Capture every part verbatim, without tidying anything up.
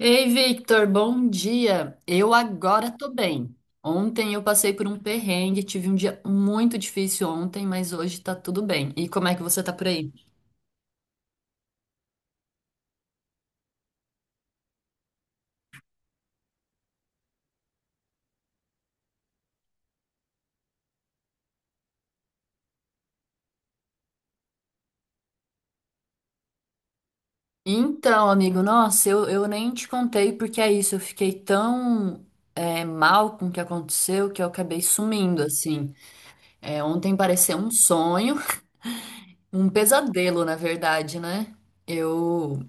Ei, Victor, bom dia. Eu agora tô bem. Ontem eu passei por um perrengue, tive um dia muito difícil ontem, mas hoje tá tudo bem. E como é que você tá por aí? Então, amigo, nossa, eu, eu nem te contei porque é isso. Eu fiquei tão é, mal com o que aconteceu que eu acabei sumindo, assim. É, ontem pareceu um sonho, um pesadelo, na verdade, né? Eu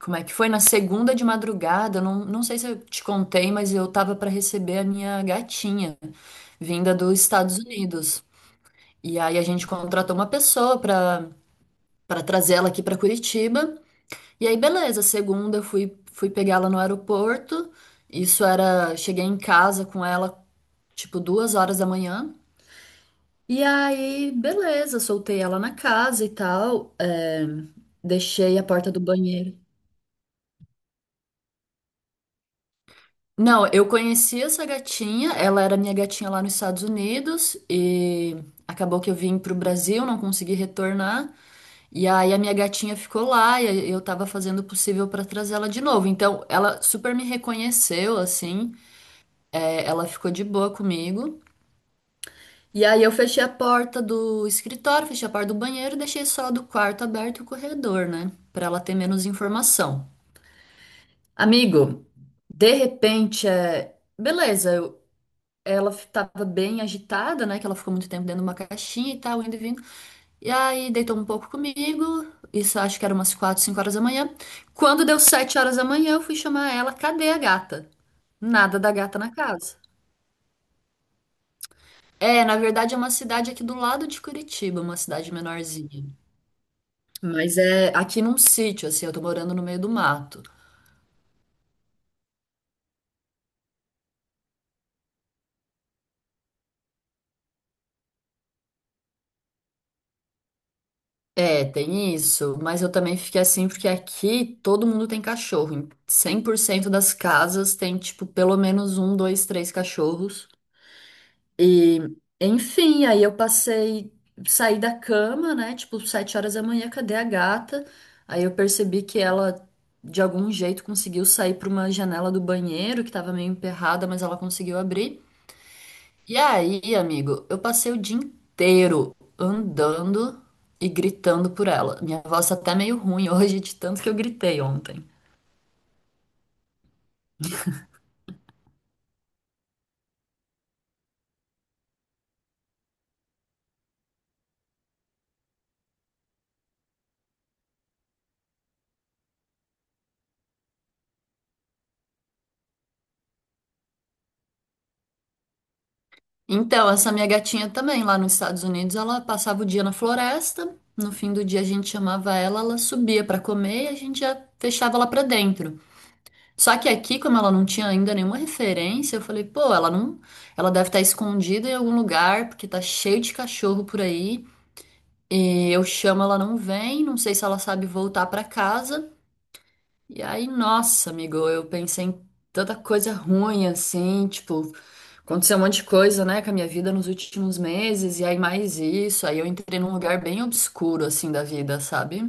Como é que foi? Na segunda de madrugada, não, não sei se eu te contei, mas eu tava para receber a minha gatinha, vinda dos Estados Unidos. E aí a gente contratou uma pessoa para para trazer ela aqui para Curitiba. E aí, beleza, segunda eu fui, fui pegá-la no aeroporto. Isso era, cheguei em casa com ela tipo duas horas da manhã. E aí, beleza, soltei ela na casa e tal. É, deixei a porta do banheiro. Não, eu conheci essa gatinha, ela era minha gatinha lá nos Estados Unidos e acabou que eu vim pro Brasil, não consegui retornar. E aí a minha gatinha ficou lá e eu tava fazendo o possível pra trazer ela de novo. Então, ela super me reconheceu assim, é, ela ficou de boa comigo. E aí eu fechei a porta do escritório, fechei a porta do banheiro, e deixei só a do quarto aberto e o corredor, né, pra ela ter menos informação. Amigo, de repente, é... beleza, eu ela estava bem agitada, né? Que ela ficou muito tempo dentro de uma caixinha e tal, indo e vindo. E aí deitou um pouco comigo. Isso acho que era umas quatro, cinco horas da manhã. Quando deu sete horas da manhã, eu fui chamar ela. Cadê a gata? Nada da gata na casa. É, na verdade é uma cidade aqui do lado de Curitiba, uma cidade menorzinha. Mas é aqui num sítio, assim, eu tô morando no meio do mato. É, tem isso, mas eu também fiquei assim porque aqui todo mundo tem cachorro. Em cem por cento das casas tem, tipo, pelo menos um, dois, três cachorros. E, enfim, aí eu passei, saí da cama, né? Tipo, sete horas da manhã, cadê a gata? Aí eu percebi que ela, de algum jeito, conseguiu sair para uma janela do banheiro que tava meio emperrada, mas ela conseguiu abrir. E aí, amigo, eu passei o dia inteiro andando e gritando por ela. Minha voz tá até meio ruim hoje de tanto que eu gritei ontem. Então, essa minha gatinha também, lá nos Estados Unidos, ela passava o dia na floresta. No fim do dia a gente chamava ela, ela subia pra comer e a gente já fechava ela pra dentro. Só que aqui, como ela não tinha ainda nenhuma referência, eu falei, pô, ela não, ela deve estar escondida em algum lugar, porque tá cheio de cachorro por aí. E eu chamo, ela não vem, não sei se ela sabe voltar pra casa. E aí, nossa, amigo, eu pensei em tanta coisa ruim assim, tipo, aconteceu um monte de coisa, né, com a minha vida nos últimos meses, e aí mais isso, aí eu entrei num lugar bem obscuro assim da vida, sabe?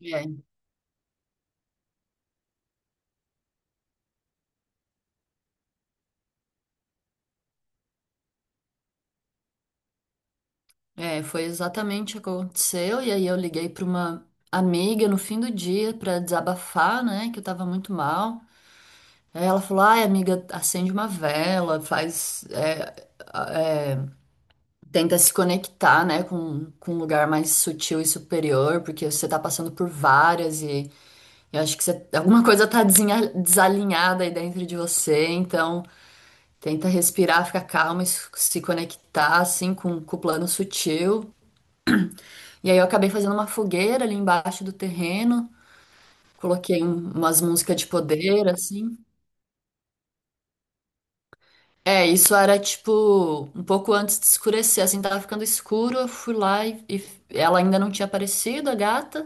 E é, Foi exatamente o que aconteceu, e aí eu liguei pra uma amiga no fim do dia pra desabafar, né, que eu tava muito mal. Aí ela falou, ai, amiga, acende uma vela, faz, é, tenta se conectar, né, com, com um lugar mais sutil e superior, porque você tá passando por várias e eu acho que você- alguma coisa tá desinha- desalinhada aí dentro de você, então tenta respirar, ficar calma, e se se conectar, assim, com, com o plano sutil. E aí eu acabei fazendo uma fogueira ali embaixo do terreno, coloquei um- umas músicas de poder, assim. É, isso era tipo um pouco antes de escurecer, assim, tava ficando escuro, eu fui lá e, e ela ainda não tinha aparecido, a gata.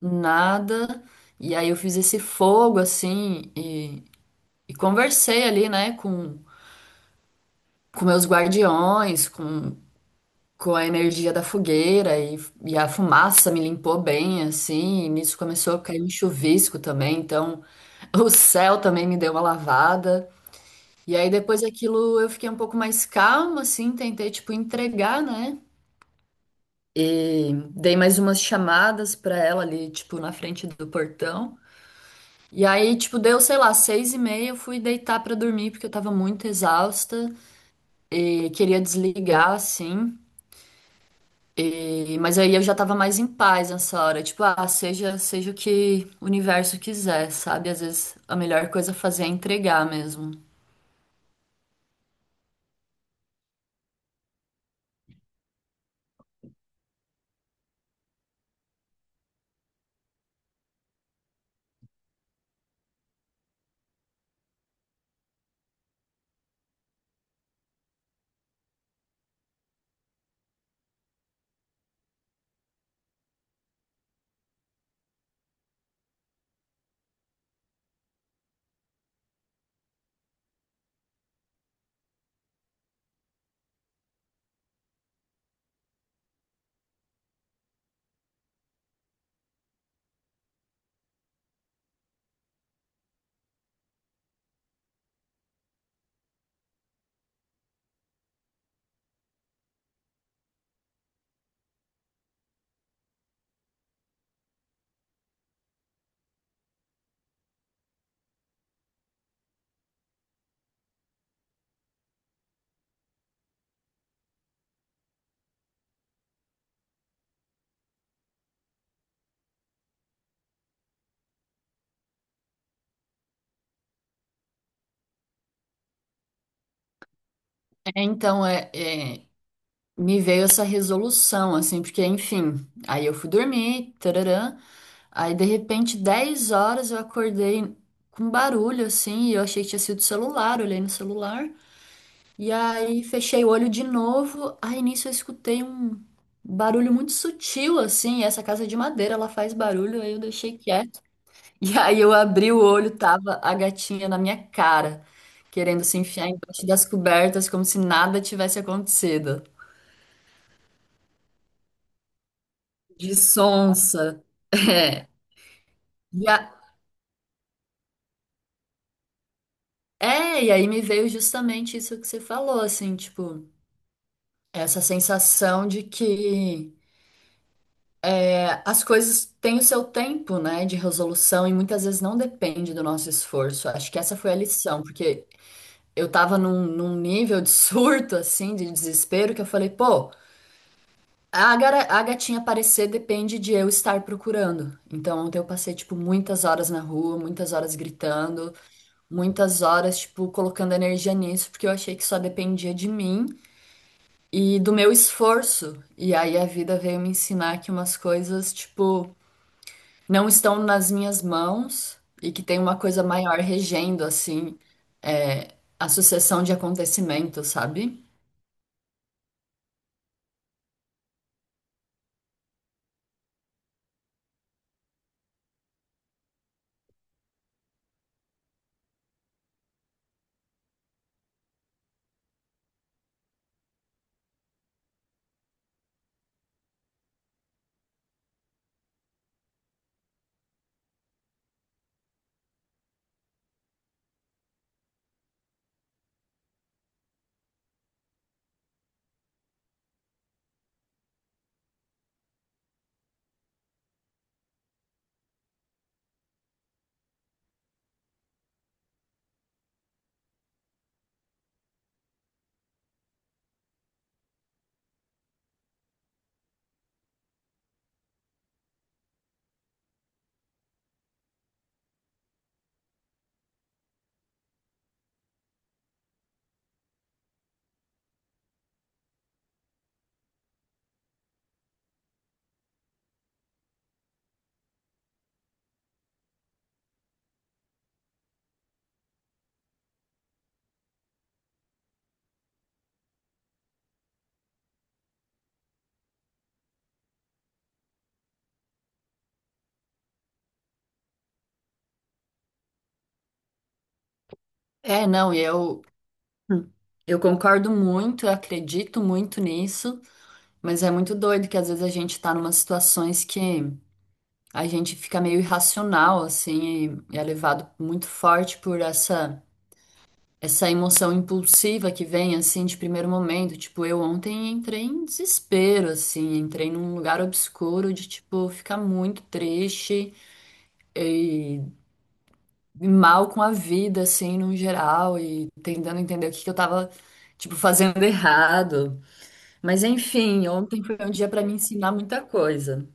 Nada. E aí eu fiz esse fogo assim e, e conversei ali, né, com, com meus guardiões, com, com a energia da fogueira e, e a fumaça me limpou bem assim. E nisso começou a cair um chuvisco também, então o céu também me deu uma lavada. E aí depois daquilo eu fiquei um pouco mais calma, assim, tentei, tipo, entregar, né? Dei mais umas chamadas pra ela ali, tipo, na frente do portão. E aí, tipo, deu, sei lá, seis e meia, eu fui deitar pra dormir, porque eu tava muito exausta e queria desligar, assim. E- Mas aí eu já tava mais em paz nessa hora. Tipo, ah, seja, seja o que o universo quiser, sabe? Às vezes a melhor coisa a fazer é entregar mesmo. É, então, é, é, me veio essa resolução, assim, porque, enfim, aí eu fui dormir, tararã, aí de repente, dez horas eu acordei com barulho, assim, e eu achei que tinha sido o celular, olhei no celular. E aí fechei o olho de novo. Aí nisso eu escutei um barulho muito sutil, assim. Essa casa é de madeira, ela faz barulho, aí eu deixei quieto. E aí eu abri o olho, tava a gatinha na minha cara, querendo se enfiar embaixo das cobertas, como se nada tivesse acontecido. De sonsa. É. E a- É, e aí me veio justamente isso que você falou, assim, tipo, essa sensação de que as coisas têm o seu tempo, né, de resolução e muitas vezes não depende do nosso esforço. Acho que essa foi a lição, porque eu tava num, num, nível de surto, assim, de desespero, que eu falei, pô, a, gara- a gatinha aparecer depende de eu estar procurando. Então, ontem eu passei, tipo, muitas horas na rua, muitas horas gritando, muitas horas, tipo, colocando energia nisso, porque eu achei que só dependia de mim e do meu esforço. E aí a vida veio me ensinar que umas coisas, tipo, não estão nas minhas mãos e que tem uma coisa maior regendo, assim, é, a sucessão de acontecimentos, sabe? É, não, e eu, eu concordo muito, eu acredito muito nisso, mas é muito doido que às vezes a gente tá numas situações que a gente fica meio irracional, assim, e é levado muito forte por essa. essa emoção impulsiva que vem assim de primeiro momento. Tipo, eu ontem entrei em desespero, assim, entrei num lugar obscuro de tipo ficar muito triste e e mal com a vida, assim, no geral, e tentando entender o que que eu tava. Tipo, fazendo errado. Mas enfim, ontem foi um dia pra me ensinar muita coisa.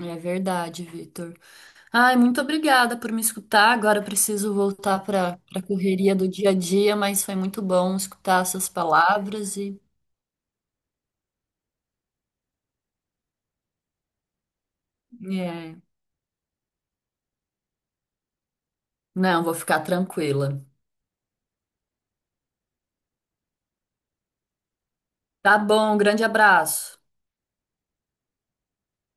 É, é verdade, Vitor. Ai, muito obrigada por me escutar. Agora eu preciso voltar para a correria do dia a dia, mas foi muito bom escutar essas palavras e é, não, vou ficar tranquila. Tá bom, um grande abraço.